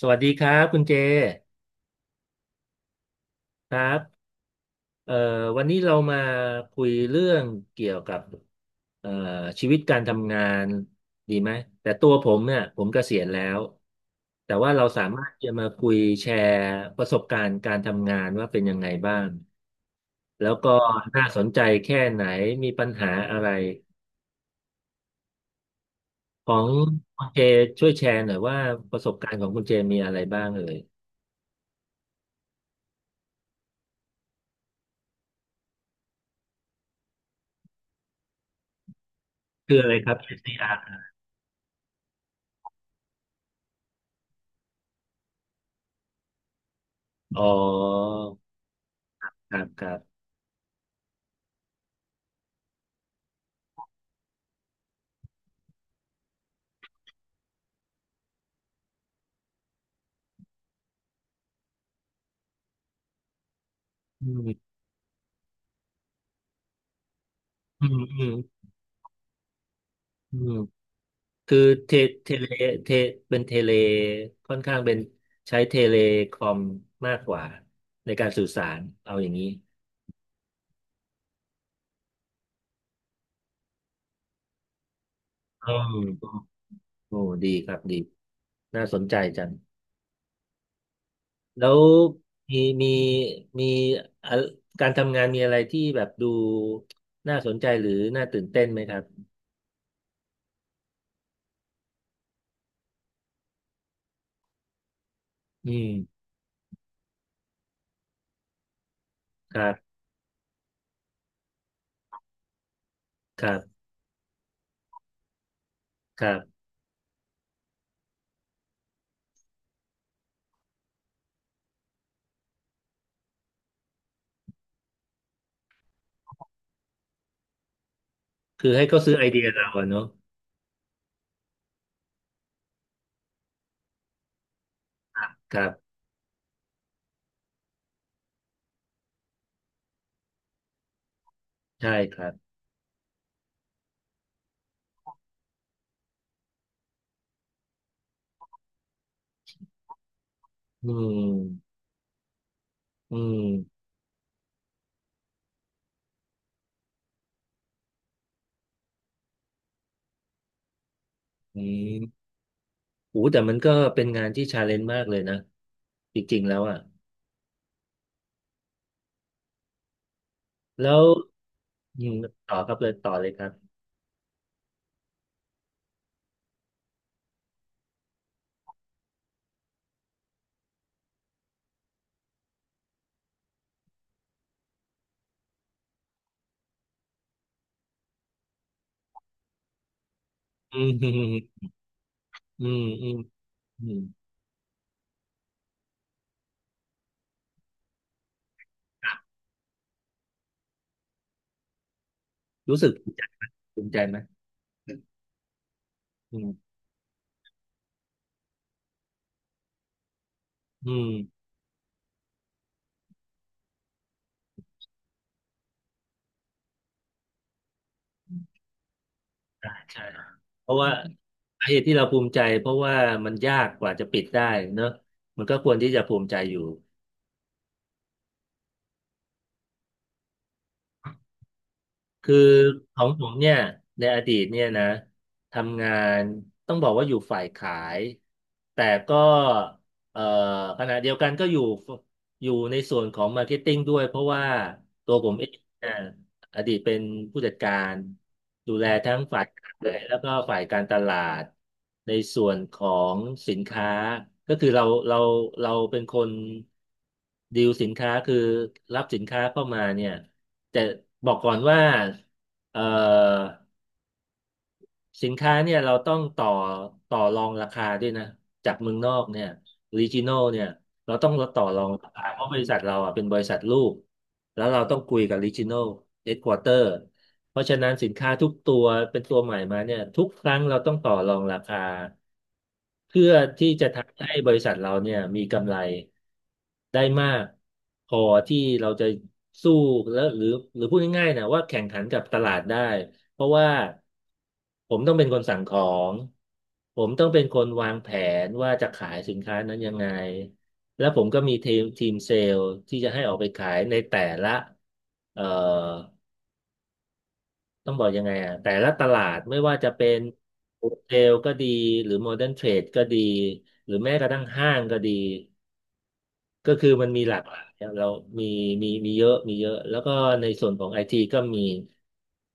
สวัสดีครับคุณเจครับเอ่อวันนี้เรามาคุยเรื่องเกี่ยวกับเอ่อชีวิตการทำงานดีไหมแต่ตัวผมเนี่ยผมเกษียณแล้วแต่ว่าเราสามารถจะมาคุยแชร์ประสบการณ์การทำงานว่าเป็นยังไงบ้างแล้วก็น่าสนใจแค่ไหนมีปัญหาอะไรของคุณเจช่วยแชร์หน่อยว่าประสบการณ์ของคุณเจมีอะไรบ้างเอ่ยคืออะไรครับ SDR อสดีอาร์อ๋อครับครับอืม อืมอืมอืมคือเทเทเลเทเป็นเทเลค่อนข้างเป็นใช้เทเลคอมมากกว่าในการสื่อสารเอาอย่างนี้อืมโอ้ดีครับดีน่าสนใจจังแล้วมีมีมีอะการทำงานมีอะไรที่แบบดูน่าสนใจหรือน่าตื่นเต้นไหมครับอืมครับครับครับคือให้เขาซื้อไอเดียเราอะเนาะครับครับใช่ครับอืมอืมอืม โอ้แต่มันก็เป็นงานที่ชาเลนจ์มากเลยนะจริงๆแล้วอ่ะแล้วอืมต่อครับเลยต่อเลยครับอืมอืมอืมอืมอืมรู้สึกภูมิใจภูมิใจไหมอืมอืมใช่ใช่เพราะว่าสาเหตุที่เราภูมิใจเพราะว่ามันยากกว่าจะปิดได้เนอะมันก็ควรที่จะภูมิใจอยู่ คือของผมเนี่ยในอดีตเนี่ยนะทำงานต้องบอกว่าอยู่ฝ่ายขายแต่ก็เอ่อขณะเดียวกันก็อยู่ในส่วนของมาร์เก็ตติ้งด้วยเพราะว่าตัวผมเองเนี่ยอดีตเป็นผู้จัดการดูแลทั้งฝ่ายขายแล้วก็ฝ่ายการตลาดในส่วนของสินค้าก็คือเราเป็นคนดีลสินค้าคือรับสินค้าเข้ามาเนี่ย แต่บอกก่อนว่าเอ่อ สินค้าเนี่ยเราต้องต่อรองราคาด้วยนะจากเมืองนอกเนี่ยรีจิโนเนี่ยเราต้องต่อรองราคาเพราะบริษัทเราอ่ะเป็นบริษัทลูกแล้วเราต้องคุยกับรีจิโนเฮดควอเตอร์เพราะฉะนั้นสินค้าทุกตัวเป็นตัวใหม่มาเนี่ยทุกครั้งเราต้องต่อรองราคาเพื่อที่จะทำให้บริษัทเราเนี่ยมีกำไรได้มากพอที่เราจะสู้แล้วหรือหรือพูดง่ายๆนะว่าแข่งขันกับตลาดได้ เพราะว่าผมต้องเป็นคนสั่งของ ผมต้องเป็นคนวางแผนว่าจะขายสินค้านั้นยังไง แล้วผมก็มีทีมเซลล์ที่จะให้ออกไปขายในแต่ละเอ่อต้องบอกยังไงอ่ะแต่ละตลาดไม่ว่าจะเป็นโฮเทลก็ดีหรือโมเดิร์นเทรดก็ดีหรือแม้กระทั่งห้างก็ดี ก็คือมันมีหลากหลายอะเรามีมีเยอะมีเยอะ แล้วก็ในส่วนของไอทีก็มี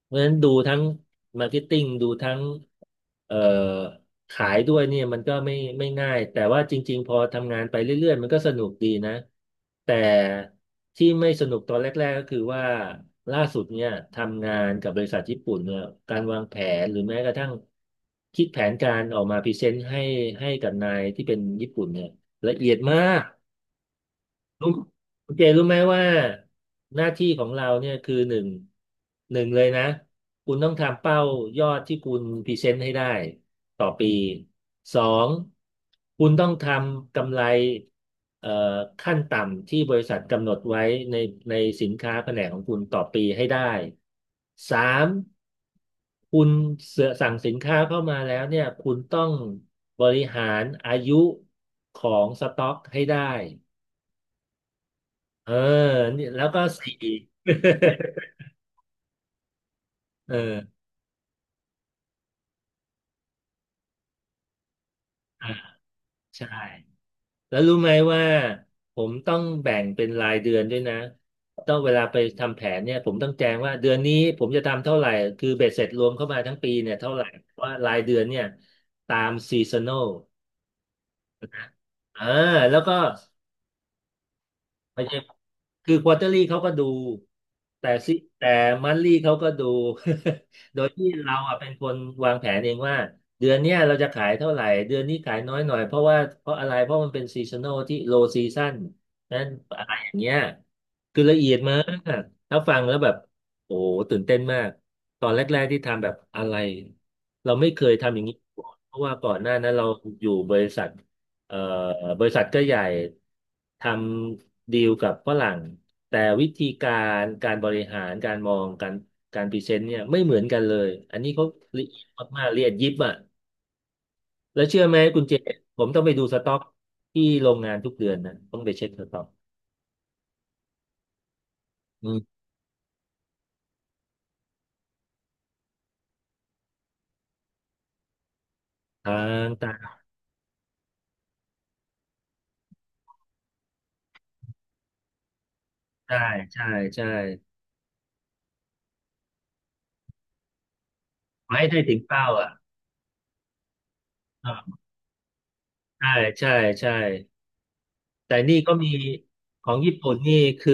เพราะฉะนั้นดูทั้งมาร์เก็ตติ้งดูทั้งเอ่อขายด้วยเนี่ยมันก็ไม่ง่าย แต่ว่าจริงๆพอทำงานไปเรื่อยๆมันก็สนุกดีนะ แต่ที่ไม่สนุกตอนแรกๆก็คือว่าล่าสุดเนี่ยทำงานกับบริษัทญี่ปุ่นเนี่ยการวางแผนหรือแม้กระทั่งคิดแผนการออกมาพรีเซนต์ให้ให้กับนายที่เป็นญี่ปุ่นเนี่ยละเอียดมาก รู้คุณเจรู้ไหมว่าหน้าที่ของเราเนี่ยคือหนึ่งหนึ่งเลยนะคุณต้องทำเป้ายอดที่คุณพรีเซนต์ให้ได้ต่อปีสองคุณต้องทำกำไรเอ่อขั้นต่ำที่บริษัทกำหนดไว้ในในสินค้าแผนกของคุณต่อปีให้ได้สามคุณเสสั่งสินค้าเข้ามาแล้วเนี่ยคุณต้องบริหารอายุของสต็อกให้ได้ เออนี่แล้วก็สี่ เอออ่าใช่แล้วรู้ไหมว่าผมต้องแบ่งเป็นรายเดือนด้วยนะต้องเวลาไปทำแผนเนี่ยผมต้องแจ้งว่าเดือนนี้ผมจะทำเท่าไหร่คือเบ็ดเสร็จรวมเข้ามาทั้งปีเนี่ยเท่าไหร่เพราะว่ารายเดือนเนี่ยตามซีซันอลอ่าแล้วก็ ไม่ใช่คือควอเตอรี่เขาก็ดู แต่ซิแต่มันลี่เขาก็ดู โดยที่เราอ่ะเป็นคนวางแผนเองว่าเดือนเนี้ยเราจะขายเท่าไหร่ เดือนนี้ขายน้อยหน่อยเพราะว่าเพราะอะไร เพราะมันเป็นซีซันอลที่โลซีซั o นนั้นอะไรอย่างเงี้ยคือละเอียดมาก ถ้าฟังแล้วแบบ โอ้โหตื่นเต้นมาก ตอนแรกๆที่ทำแบบอะไร เราไม่เคยทำอย่างนี้มาก่อนเพราะว่าก่อนหน้านั้นเราอยู่บริษัท เอ่อบริษัทก็ใหญ่ทำดีลกับฝรั่งแต่วิธีการบริหารการมองการพรีเซนต์เนี่ยไม่เหมือนกันเลยอันนี้เขาละเอียดมากๆละเอียดยิบอ่ะแล้วเชื่อไหมคุณเจผมต้องไปดูสต็อกที่โรงงานทุกเดือนนะต้องไปเช็คสต็อกอืมทางต่างใช่ใช่ใช่ไม่ให้ได้ถึงเป้าอ่ะอ่าใช่ใช่ใช่ แต่นี่ก็มีของญี่ปุ่นนี่คือ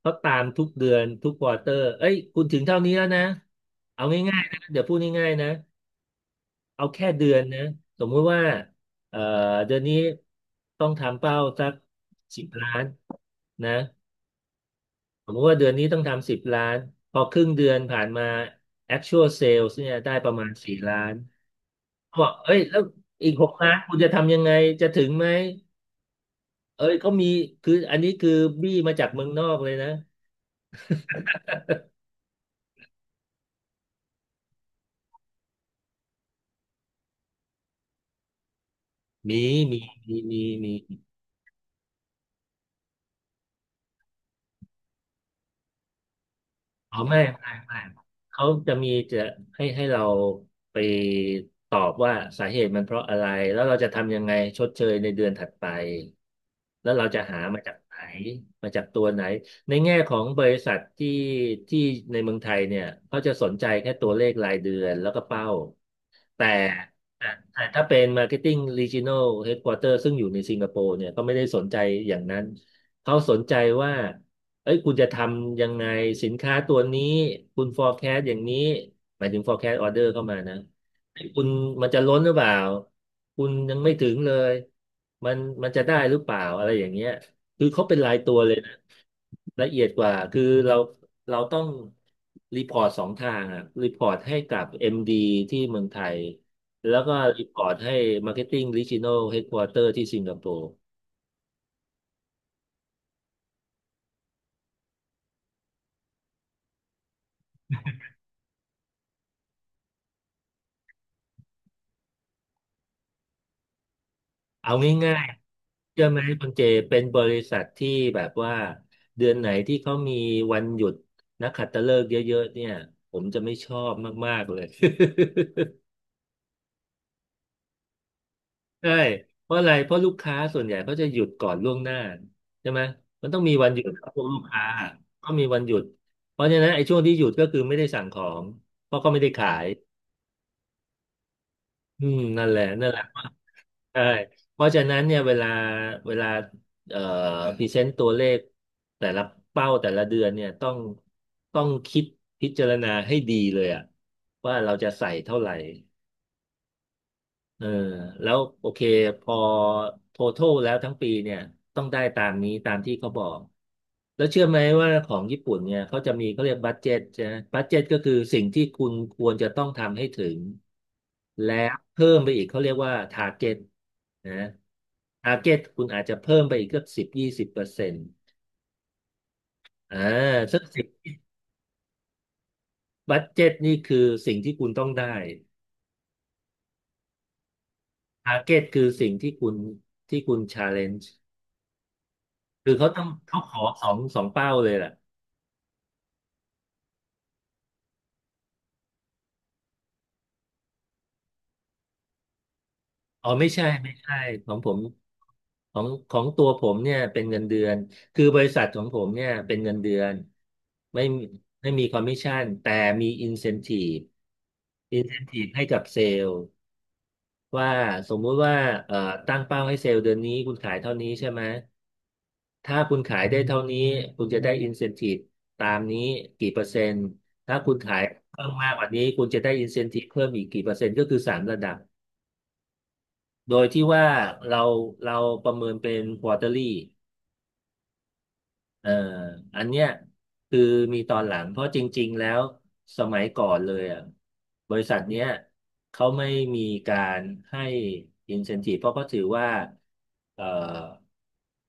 เขาตามทุกเดือนทุกควอเตอร์เอ้ยคุณถึงเท่านี้แล้วนะ เอาง่ายๆนะเดี๋ยวพูดง่ายๆนะเอาแค่เดือนนะสมมุติว่าเอ่อเดือนนี้ต้องทำเป้าสักสิบล้านนะสมมติว่าเดือนนี้ต้องทำสิบล้านพอครึ่งเดือนผ่านมา actual sales เนี่ยได้ประมาณ4 ล้านเขาบอกเอ้ยแล้วอีก6 ล้านคุณจะทำยังไงจะถึงไหมเอ้ยเขามีคืออันนี้คือบี้มาจากเมืองนอกเลยนะ มีมีมีมีมีอ๋อไม่ไม่ไม่เขาจะมีจะให้เราไปตอบว่าสาเหตุมันเพราะอะไรแล้วเราจะทำยังไงชดเชยในเดือนถัดไปแล้วเราจะหามาจากไหนมาจากตัวไหนในแง่ของบริษัทที่ในเมืองไทยเนี่ยเขาจะสนใจแค่ตัวเลขรายเดือนแล้วก็เป้า แต่แต่แต่ถ้าเป็น Marketing Regional Headquarter ซึ่งอยู่ในสิงคโปร์เนี่ยเขาไม่ได้สนใจอย่างนั้นเขาสนใจว่าเอ้ยคุณจะทำยังไงสินค้าตัวนี้คุณ forecast อย่างนี้หมายถึง forecast order เข้ามานะเอ้ยคุณมันจะล้นหรือเปล่าคุณยังไม่ถึงเลยมันมันจะได้หรือเปล่าอะไรอย่างเงี้ยคือเขาเป็นรายตัวเลยนะละเอียดกว่าคือเราต้องรีพอร์ตสองทางอ่ะรีพอร์ตให้กับ MD ที่เมืองไทย แล้วก็รีพอร์ตให้ Marketing Regional Headquarter ที่สิงคโปร์เอาง่ายๆเชื่อไหมคุณเจเป็นบริษัทที่แบบว่าเดือนไหนที่เขามีวันหยุดนักขัตฤกษ์เยอะๆเนี่ยผมจะไม่ชอบมากๆเลย ใช่เพราะอะไรเพราะลูกค้าส่วนใหญ่เขาจะหยุดก่อนล่วงหน้าใช่ไหมมันต้องมีวันหยุดของพวกลูกค้าก็มีวันหยุดเพราะฉะนั้นไอ้ช่วงที่หยุดก็คือไม่ได้สั่งของเพราะก็ไม่ได้ขายอืมนั่นแหละนั่นแหละใช่เพราะฉะนั้นเนี่ยเวลาเอ่อพรีเซนต์ตัวเลขแต่ละเป้าแต่ละเดือนเนี่ยต้องคิดพิจารณาให้ดีเลยอะว่าเราจะใส่เท่าไหร่ เออแล้วโอเคพอ total แล้วทั้งปีเนี่ยต้องได้ตามนี้ตามที่เขาบอกแล้วเชื่อไหมว่าของญี่ปุ่นเนี่ยเขาจะมีเขาเรียกบัดเจ็ตใช่ไหมบัดเจ็ตก็คือสิ่งที่คุณควรจะต้องทำให้ถึงและเพิ่มไปอีกเขาเรียกว่าทาร์เก็ตนะทาร์เก็ตคุณอาจจะเพิ่มไปอีกเกือบสิบ20%อ่าสักสิบบัดเจ็ตนี่คือสิ่งที่คุณต้องได้ทาร์เก็ตคือสิ่งที่คุณที่คุณชาเลนจ์ คือเขาต้องเขาขอสองเป้าเลยแหละอ๋อไม่ใช่ไม่ใช่ของผมของของตัวผมเนี่ยเป็นเงินเดือนคือบริษัทของผมเนี่ยเป็นเงินเดือนไม่ไม่มีคอมมิชชั่นแต่มีอินเซน i ี e อินเซน i ี e ให้กับเซลล์ ว่าสมมุติว่าเอ่อตั้งเป้าให้เซลล์เดือนนี้คุณขายเท่านี้ใช่ไหมถ้าคุณขายได้เท่านี้คุณจะได้อินเซน i ี e ตามนี้กี่เปอร์เซ็นต์ถ้าคุณขายเพิ่มมากกว่านี้คุณจะได้อินเซน i ี e เพิ่มอีกกี่เปอร์เซ็นต์ก็คือสามระดับโดยที่ว่าเราเราประเมินเป็น quarterly เอออันเนี้ยคือมีตอนหลังเพราะจริงๆแล้วสมัยก่อนเลยอ่ะบริษัทเนี้ยเขาไม่มีการให้ incentive เพราะเขาถือว่าเออ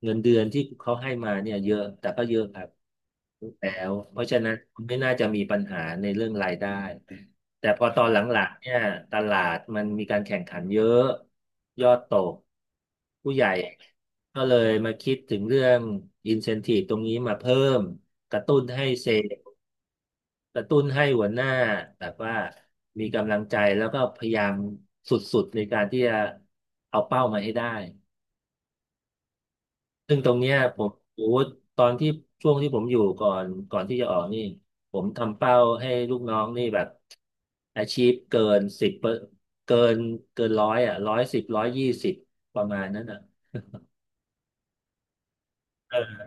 เงินเดือนที่เขาให้มาเนี่ยเยอะแต่ก็เยอะครับแล้วเพราะฉะนั้นไม่น่าจะมีปัญหาในเรื่องรายได้ แต่พอตอนหลังๆเนี่ยตลาดมันมีการแข่งขันเยอะยอดตกผู้ใหญ่ก็เลยมาคิดถึงเรื่องอินเซน i v e ตรงนี้มาเพิ่มกระตุ้นให้เซลล์กระตุ้นให้หัวหน้าแบบว่ามีกำลังใจแล้วก็พยายามสุดๆในการที่จะเอาเป้ามาให้ได้ ซึ่งตรงเนี้ยผมโอ้โหตอนที่ช่วงที่ผมอยู่ก่อนก่อนที่จะออกนี่ผมทำเป้าให้ลูกน้องนี่แบบ achieve เกินสิบเกินเกินร้อยอ่ะร้อยสิบร้อยยี่สิบประมาณนั้นอ่ะเออ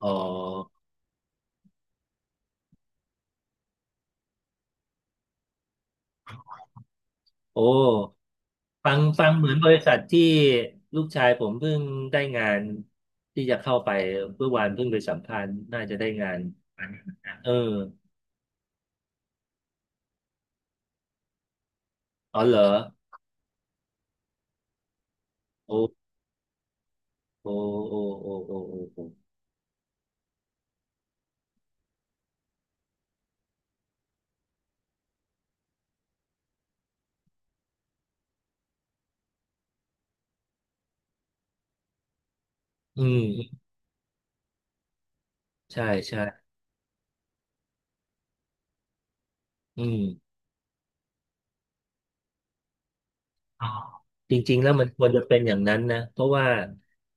อ๋อโอ้ฟังฟังเหมือนบริษัทที่ลูกชายผมเพิ่งได้งานที่จะเข้าไปเมื่อวานเพิ่งไปสัมภาษณ์น่าจะได้งานเอออ๋อเหรอโอ้โอ้โอ้โอ้โอ้โอ้โอ้อืมใช่ใช่ อืมอ๋อจริงๆแล้วมันควรจะเป็นอย่างนั้นนะเพราะว่า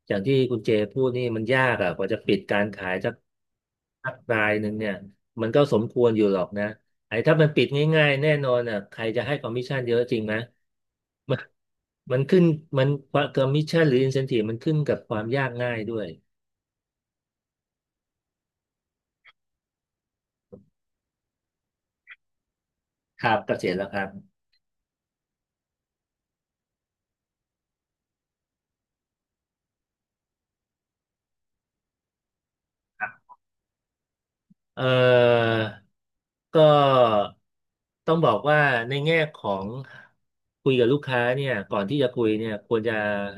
อย่างที่คุณเจพูดนี่มันยากอ่ะกว่าจะปิดการขายสักรายหนึ่งเนี่ยมันก็สมควรอยู่หรอกนะไอ้ถ้ามันปิดง่ายๆแน่นอนอ่ะใครจะให้คอมมิชชั่นเยอะจริงไหมมันมันขึ้นมันคอมมิชชั่นหรืออินเซนทีฟมันขึ้นกับความยากง่ายด้วยครับก็เสร็จแล้วครับ เอ่อก็ต้องบอกว่าในแง่ของคุยกับลูกค้าเนี่ยก่อนที่จะคุยเนี่ยควรจะ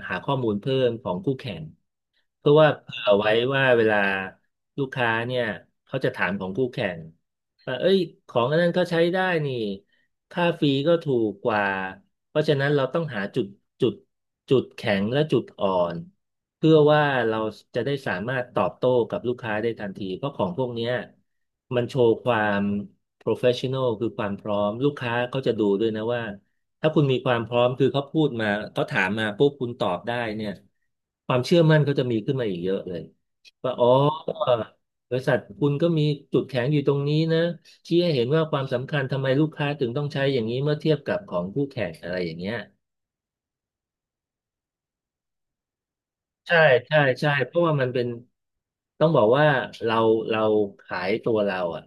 หาข้อมูลเพิ่มของคู่แข่ง เพื่อว่าเผื่อไว้ว่าเวลาลูกค้าเนี่ยเขาจะถามของคู่แข่งว่าเอ้ยของอันนั้นเขาใช้ได้นี่ค่าฟรีก็ถูกกว่าเพราะฉะนั้นเราต้องหาจุดจุดจุดแข็งและจุดอ่อนเพื่อว่าเราจะได้สามารถตอบโต้กับลูกค้าได้ทันทีเพราะของพวกเนี้ยมันโชว์ความ professional คือความพร้อมลูกค้าเขาจะดูด้วยนะว่า ถ้าคุณมีความพร้อมคือเขาพูดมาเขาถามมาปุ๊บคุณตอบได้เนี่ยความเชื่อมั่นเขาจะมีขึ้นมาอีกเยอะเลยว่าอ๋อบริษัทคุณก็มีจุดแข็งอยู่ตรงนี้นะชี้ให้เห็นว่าความสำคัญทำไมลูกค้าถึงต้องใช้อย่างนี้เมื่อเทียบกับของคู่แข่งอะไรอย่างเงี้ย ใช่ใช่ใช่เพราะว่ามันเป็นต้องบอกว่าเราเราขายตัวเราอ่ะ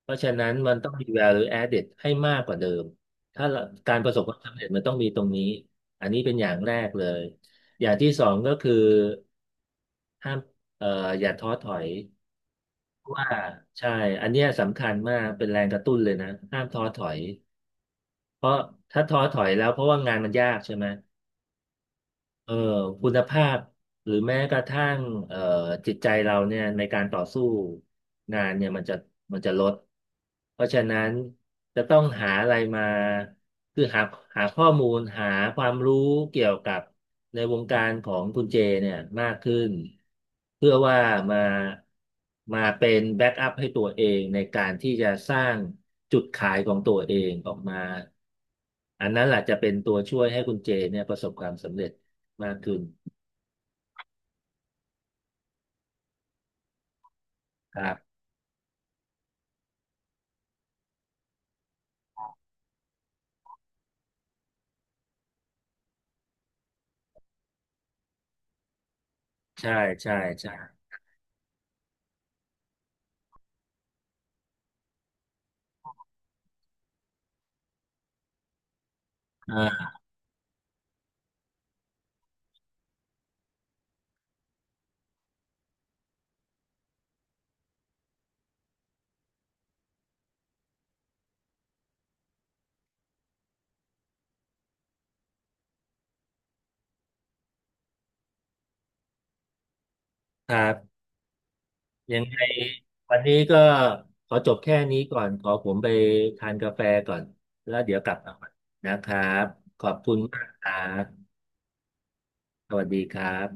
เพราะฉะนั้นมันต้องมี value added ให้มากกว่าเดิมถ้าเราการประสบความสำเร็จมันต้องมีตรงนี้อันนี้เป็นอย่างแรกเลยอย่างที่สองก็คือห้ามเอ่ออย่าท้อถอยเพราะว่าใช่อันเนี้ยสำคัญมากเป็นแรงกระตุ้นเลยนะห้ามท้อถอยเพราะถ้าท้อถอยแล้วเพราะว่างานมันยากใช่ไหม เอ่อคุณภาพหรือแม้กระทั่งเอ่อจิตใจเราเนี่ยในการต่อสู้งานเนี่ยมันจะลดเพราะฉะนั้นจะต้องหาอะไรมาคือหาข้อมูลหาความรู้เกี่ยวกับในวงการของคุณเจเนี่ยมากขึ้นเพื่อว่ามามาเป็นแบ็กอัพให้ตัวเองในการที่จะสร้างจุดขายของตัวเองออกมาอันนั้นแหละจะเป็นตัวช่วยให้คุณเจเนี่ยประสบความสำเร็จ มากขึ้นครับใช่ใช่ใช่อ่าครับยังไงวันนี้ก็ขอจบแค่นี้ก่อนขอผมไปทานกาแฟก่อนแล้วเดี๋ยวกลับมาใหม่นะครับขอบคุณมากครับสวัสดีครับ